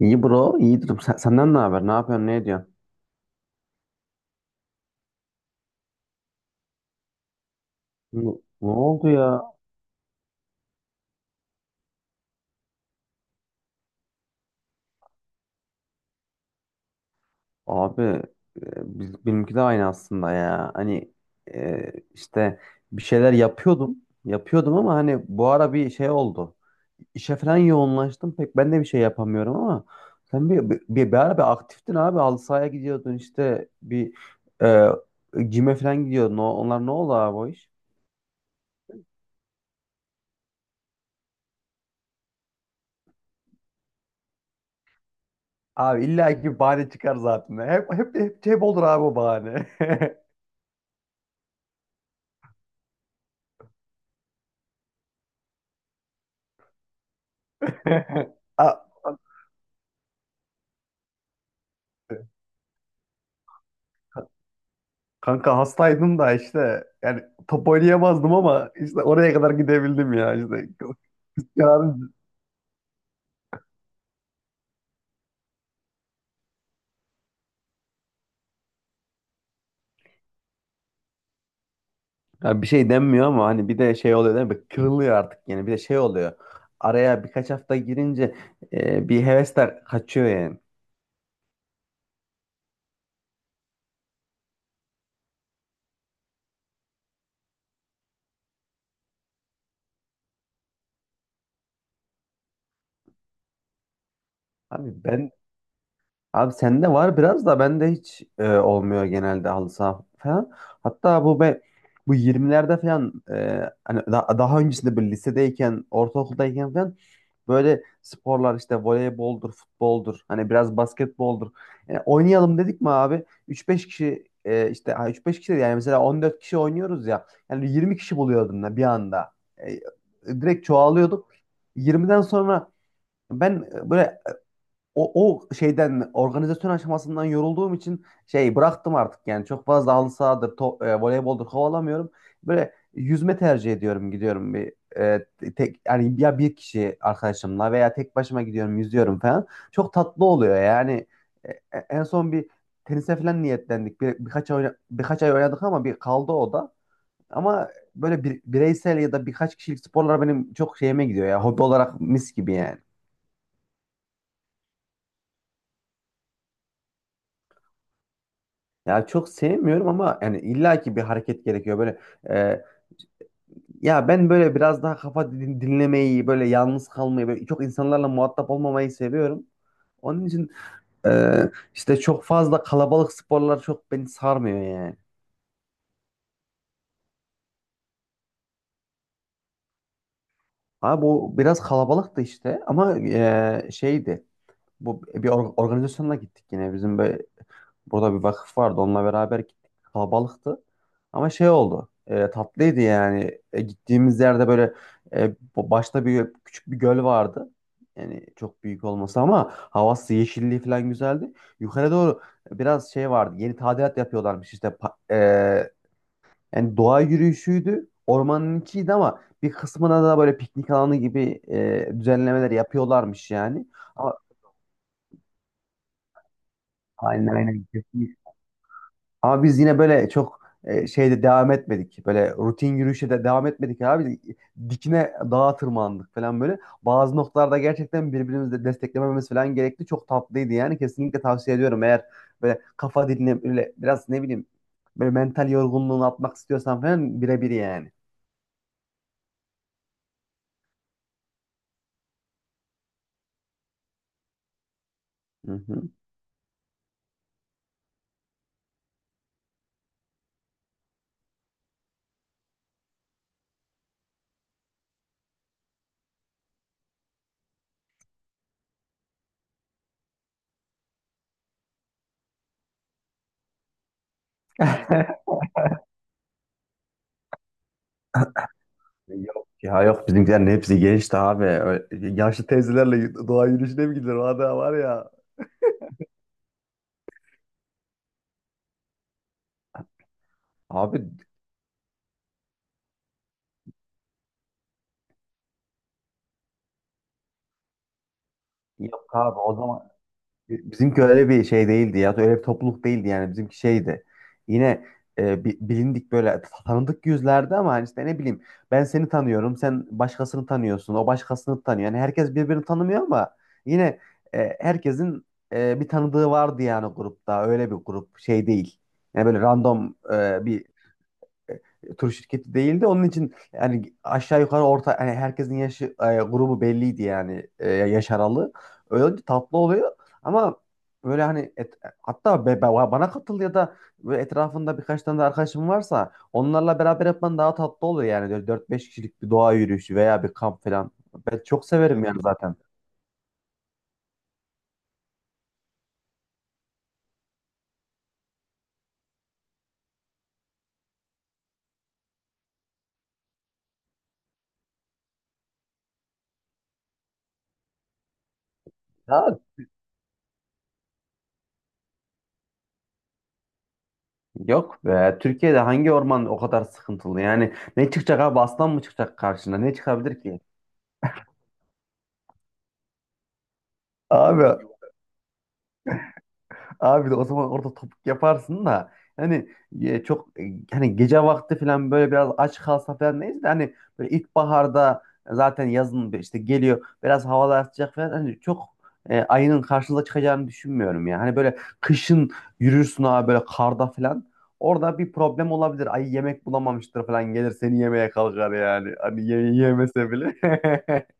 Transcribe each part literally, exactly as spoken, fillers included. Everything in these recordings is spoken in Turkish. İyi bro, iyidir. Sen- senden ne haber? Ne yapıyorsun? Ne ediyorsun? Ne, ne oldu ya? Abi, e, biz, benimki de aynı aslında ya. Hani e, işte bir şeyler yapıyordum. Yapıyordum ama hani bu ara bir şey oldu. İşe falan yoğunlaştım. Pek ben de bir şey yapamıyorum ama sen bir, bir, bir, ara bir aktiftin abi. Halı sahaya gidiyordun işte bir e, gym'e falan gidiyordun. O- onlar ne oldu abi o iş? Abi illa ki bahane çıkar zaten. Hep hep hep, hep olur abi o bahane. A- Kanka hastaydım da işte yani top oynayamazdım ama işte oraya kadar gidebildim ya işte. Yani, ya bir şey denmiyor ama hani bir de şey oluyor değil mi? Kırılıyor artık yani bir de şey oluyor. Araya birkaç hafta girince e, bir hevesler kaçıyor yani. Abi ben Abi sende var biraz da bende hiç e, olmuyor genelde halı saha falan. Hatta bu be bu yirmilerde falan e, hani da- daha öncesinde böyle lisedeyken, ortaokuldayken falan böyle sporlar işte voleyboldur, futboldur, hani biraz basketboldur. Yani oynayalım dedik mi abi? Üç beş kişi e, işte ha, üç beş kişi değil yani mesela on dört kişi oynuyoruz ya. Yani yirmi kişi buluyordum da bir anda. E, Direkt çoğalıyorduk. yirmiden sonra ben e, böyle o, o şeyden organizasyon aşamasından yorulduğum için şey bıraktım artık yani çok fazla halı sahadır, to, e, voleyboldur kovalamıyorum. Böyle yüzme tercih ediyorum gidiyorum bir e, tek yani ya bir kişi arkadaşımla veya tek başıma gidiyorum yüzüyorum falan. Çok tatlı oluyor yani. E, e, en son bir tenise falan niyetlendik. Bir, birkaç ay, oyna- birkaç ay oynadık ama bir kaldı o da. Ama böyle bir, bireysel ya da birkaç kişilik sporlar benim çok şeyime gidiyor ya hobi olarak mis gibi yani. Ya çok sevmiyorum ama yani illaki bir hareket gerekiyor böyle e, ya ben böyle biraz daha kafa din- dinlemeyi böyle yalnız kalmayı böyle çok insanlarla muhatap olmamayı seviyorum. Onun için e, işte çok fazla kalabalık sporlar çok beni sarmıyor yani. Abi bu biraz kalabalıktı işte ama e, şeydi. Bu bir or- organizasyonla gittik yine. Bizim böyle burada bir vakıf vardı. Onunla beraber gittik. Kalabalıktı. Ama şey oldu. E, tatlıydı yani. E, gittiğimiz yerde böyle e, bu- başta bir küçük bir göl vardı. Yani çok büyük olması ama havası, yeşilliği falan güzeldi. Yukarı doğru biraz şey vardı. Yeni tadilat yapıyorlarmış işte. Pa- e, yani doğa yürüyüşüydü. Ormanın içiydi ama bir kısmına da böyle piknik alanı gibi e, düzenlemeler yapıyorlarmış yani. Ama Aynen aynen. Kesin. Ama biz yine böyle çok e, şeyde devam etmedik. Böyle rutin yürüyüşe de devam etmedik abi. Dikine dağa tırmandık falan böyle. Bazı noktalarda gerçekten birbirimizi de desteklememiz falan gerekti. Çok tatlıydı yani. Kesinlikle tavsiye ediyorum. Eğer böyle kafa dinle böyle biraz ne bileyim böyle mental yorgunluğunu atmak istiyorsan falan birebir yani. Hı hı. Yok ya yok bizimkilerin hepsi gençti abi. Öyle yaşlı teyzelerle doğa yürüyüşüne mi gidilir? Valla var ya. Abi yok abi o zaman. Bizimki öyle bir şey değildi ya. Öyle bir topluluk değildi yani. Bizimki şeydi. Yine e, bi- bilindik böyle ta- tanıdık yüzlerdi ama hani işte ne bileyim ben seni tanıyorum. Sen başkasını tanıyorsun. O başkasını tanıyor. Yani herkes birbirini tanımıyor ama yine e, herkesin e, bir tanıdığı vardı yani grupta. Öyle bir grup şey değil. Yani böyle random e, bir e, tur şirketi değildi. Onun için yani aşağı yukarı orta yani herkesin yaşı e, grubu belliydi yani e, yaş aralığı. Öyle olunca tatlı oluyor ama böyle hani et- hatta be- be- bana katıl ya da böyle etrafında birkaç tane de arkadaşım varsa onlarla beraber yapman daha tatlı oluyor yani. Böyle dört beş kişilik bir doğa yürüyüşü veya bir kamp falan. Ben çok severim yani zaten. Ya yok be. Türkiye'de hangi orman o kadar sıkıntılı? Yani ne çıkacak abi? Aslan mı çıkacak karşına? Ne çıkabilir ki? Abi Abi de o zaman orada topuk yaparsın da hani e, çok e, hani gece vakti falan böyle biraz aç kalsa falan neyse de hani böyle ilkbaharda zaten yazın bir işte geliyor biraz havalar sıcak falan hani çok e, ayının karşınıza çıkacağını düşünmüyorum ya. Hani böyle kışın yürürsün abi böyle karda falan orada bir problem olabilir. Ayı yemek bulamamıştır falan gelir seni yemeye kalkar yani. Hani ye yemese bile.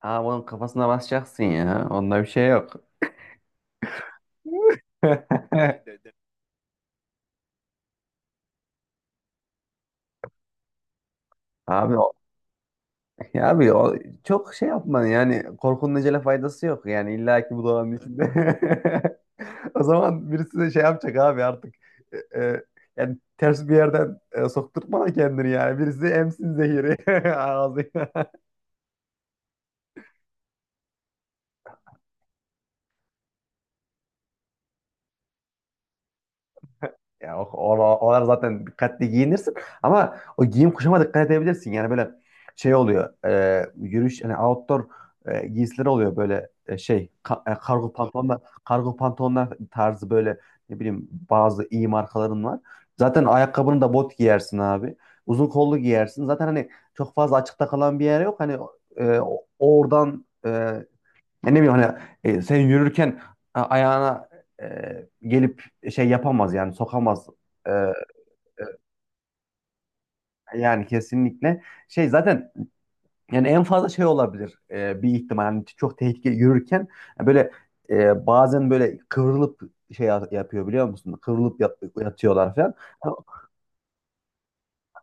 Ama onun kafasına basacaksın ya. Onda bir şey yok. Abi Ya abi o, çok şey yapma yani korkunun acele faydası yok yani illa ki bu doğanın içinde. O zaman birisi de şey yapacak abi artık e, e, yani ters bir yerden e, sokturtma kendini yani birisi emsin zehiri ağzına. Ya o, o- oralar zaten dikkatli giyinirsin ama o giyim kuşama dikkat edebilirsin. Yani böyle şey oluyor. E, yürüyüş hani outdoor e, giysileri oluyor böyle e, şey ka- e, kargo pantolonlar kargo pantolonlar tarzı böyle ne bileyim bazı iyi markaların var. Zaten ayakkabını da bot giyersin abi. Uzun kollu giyersin. Zaten hani çok fazla açıkta kalan bir yer yok. Hani e, o- oradan ya ne bileyim hani e, sen yürürken a- ayağına e, gelip şey yapamaz yani sokamaz. E, Yani kesinlikle şey zaten yani en fazla şey olabilir e, bir ihtimal hani çok tehlikeli yürürken e, böyle e, bazen böyle kıvrılıp şey ya- yapıyor biliyor musun? Kıvrılıp yat- yatıyorlar falan.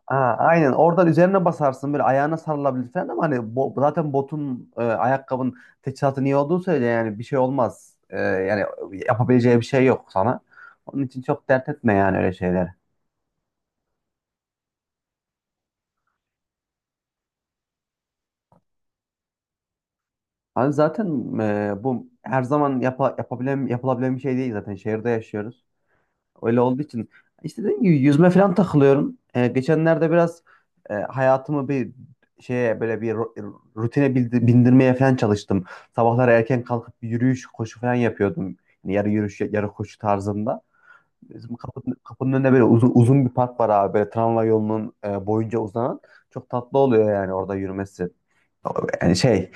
Ha, aynen oradan üzerine basarsın böyle ayağına sarılabilir falan ama hani bo- zaten botun e, ayakkabın teçhizatı iyi olduğu söyle yani bir şey olmaz. E, yani yapabileceği bir şey yok sana. Onun için çok dert etme yani öyle şeyleri. Hani zaten e, bu her zaman yapa, yapabilen, yapılabilen bir şey değil zaten şehirde yaşıyoruz. Öyle olduğu için işte dediğim gibi yüzme falan takılıyorum. Ee, geçenlerde biraz e, hayatımı bir şeye böyle bir ru- rutine bildi- bindirmeye falan çalıştım. Sabahlar erken kalkıp bir yürüyüş, koşu falan yapıyordum. Yani yarı yürüyüş, yarı koşu tarzında. Bizim kapının, kapının önünde böyle uzun uzun bir park var abi. Böyle tramvay yolunun e, boyunca uzanan. Çok tatlı oluyor yani orada yürümesi. Yani şey,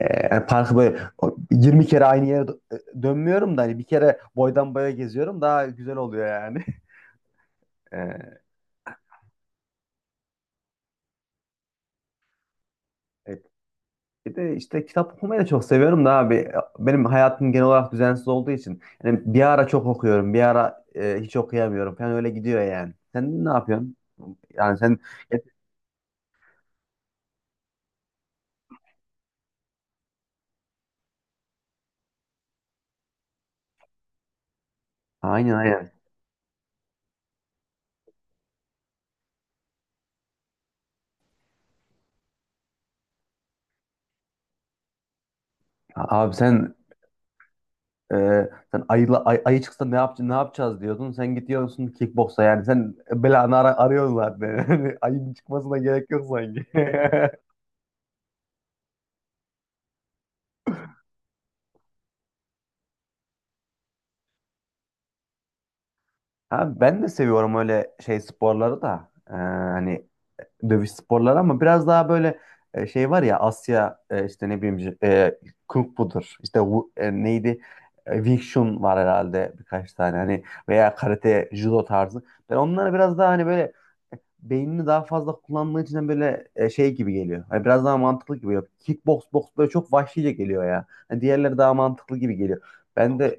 e, yani parkı böyle o- yirmi kere aynı yere dö- e, dönmüyorum da hani bir kere boydan boya geziyorum. Daha güzel oluyor yani. E, Evet. Bir de işte kitap okumayı da çok seviyorum da abi. Benim hayatım genel olarak düzensiz olduğu için. Yani bir ara çok okuyorum, bir ara e, hiç okuyamıyorum falan öyle gidiyor yani. Sen ne yapıyorsun? Yani sen aynen aynen. Abi sen e, sen ayıla, ay, ayı çıksa ne yapacağız ne yapacağız diyordun. Sen gidiyorsun kickboksa yani sen belanı ara, arıyorsun zaten. Ayının çıkmasına gerek yok sanki. Ha, ben de seviyorum öyle şey sporları da. Ee, hani dövüş sporları ama biraz daha böyle e, şey var ya Asya e, işte ne bileyim e, Kung Fu'dur işte Wu- e, neydi. E, Wing Chun var herhalde birkaç tane hani veya karate judo tarzı ben onları biraz daha hani böyle beynini daha fazla kullandığı için böyle e, şey gibi geliyor. Hani biraz daha mantıklı gibi geliyor kickbox box böyle çok vahşice geliyor ya. Hani diğerleri daha mantıklı gibi geliyor ben de.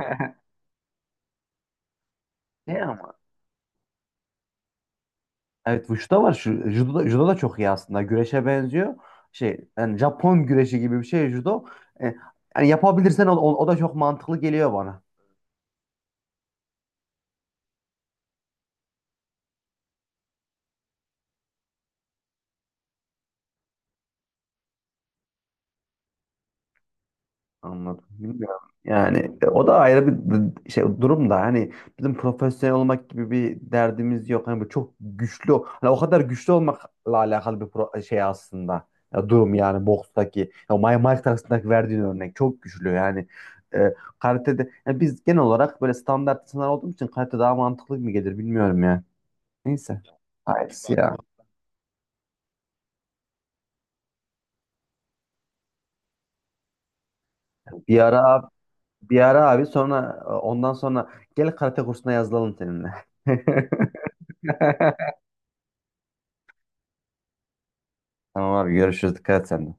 diğer ne Evet, Wushu'da var. Şu, judo, da, judo da çok iyi aslında. Güreşe benziyor. Şey yani Japon güreşi gibi bir şey judo. E, Yani yapabilirsen o, o, o da çok mantıklı geliyor bana. Anladım. Bilmiyorum. Yani e, o da ayrı bir d- şey durum da hani bizim profesyonel olmak gibi bir derdimiz yok. Hani bu çok güçlü hani o kadar güçlü olmakla alakalı bir pro- e, şey aslında. Ya durum yani bokstaki ya Mike Mike Tyson'daki verdiğin örnek çok güçlü yani. E, Karatede yani biz genel olarak böyle standart insanlar olduğumuz için karate daha mantıklı mı gelir bilmiyorum ya. Neyse. Hayırlısı ya. Bir ara Bir ara abi sonra e, ondan sonra gel karate kursuna yazılalım seninle. Tamam abi görüşürüz. Dikkat et sen de.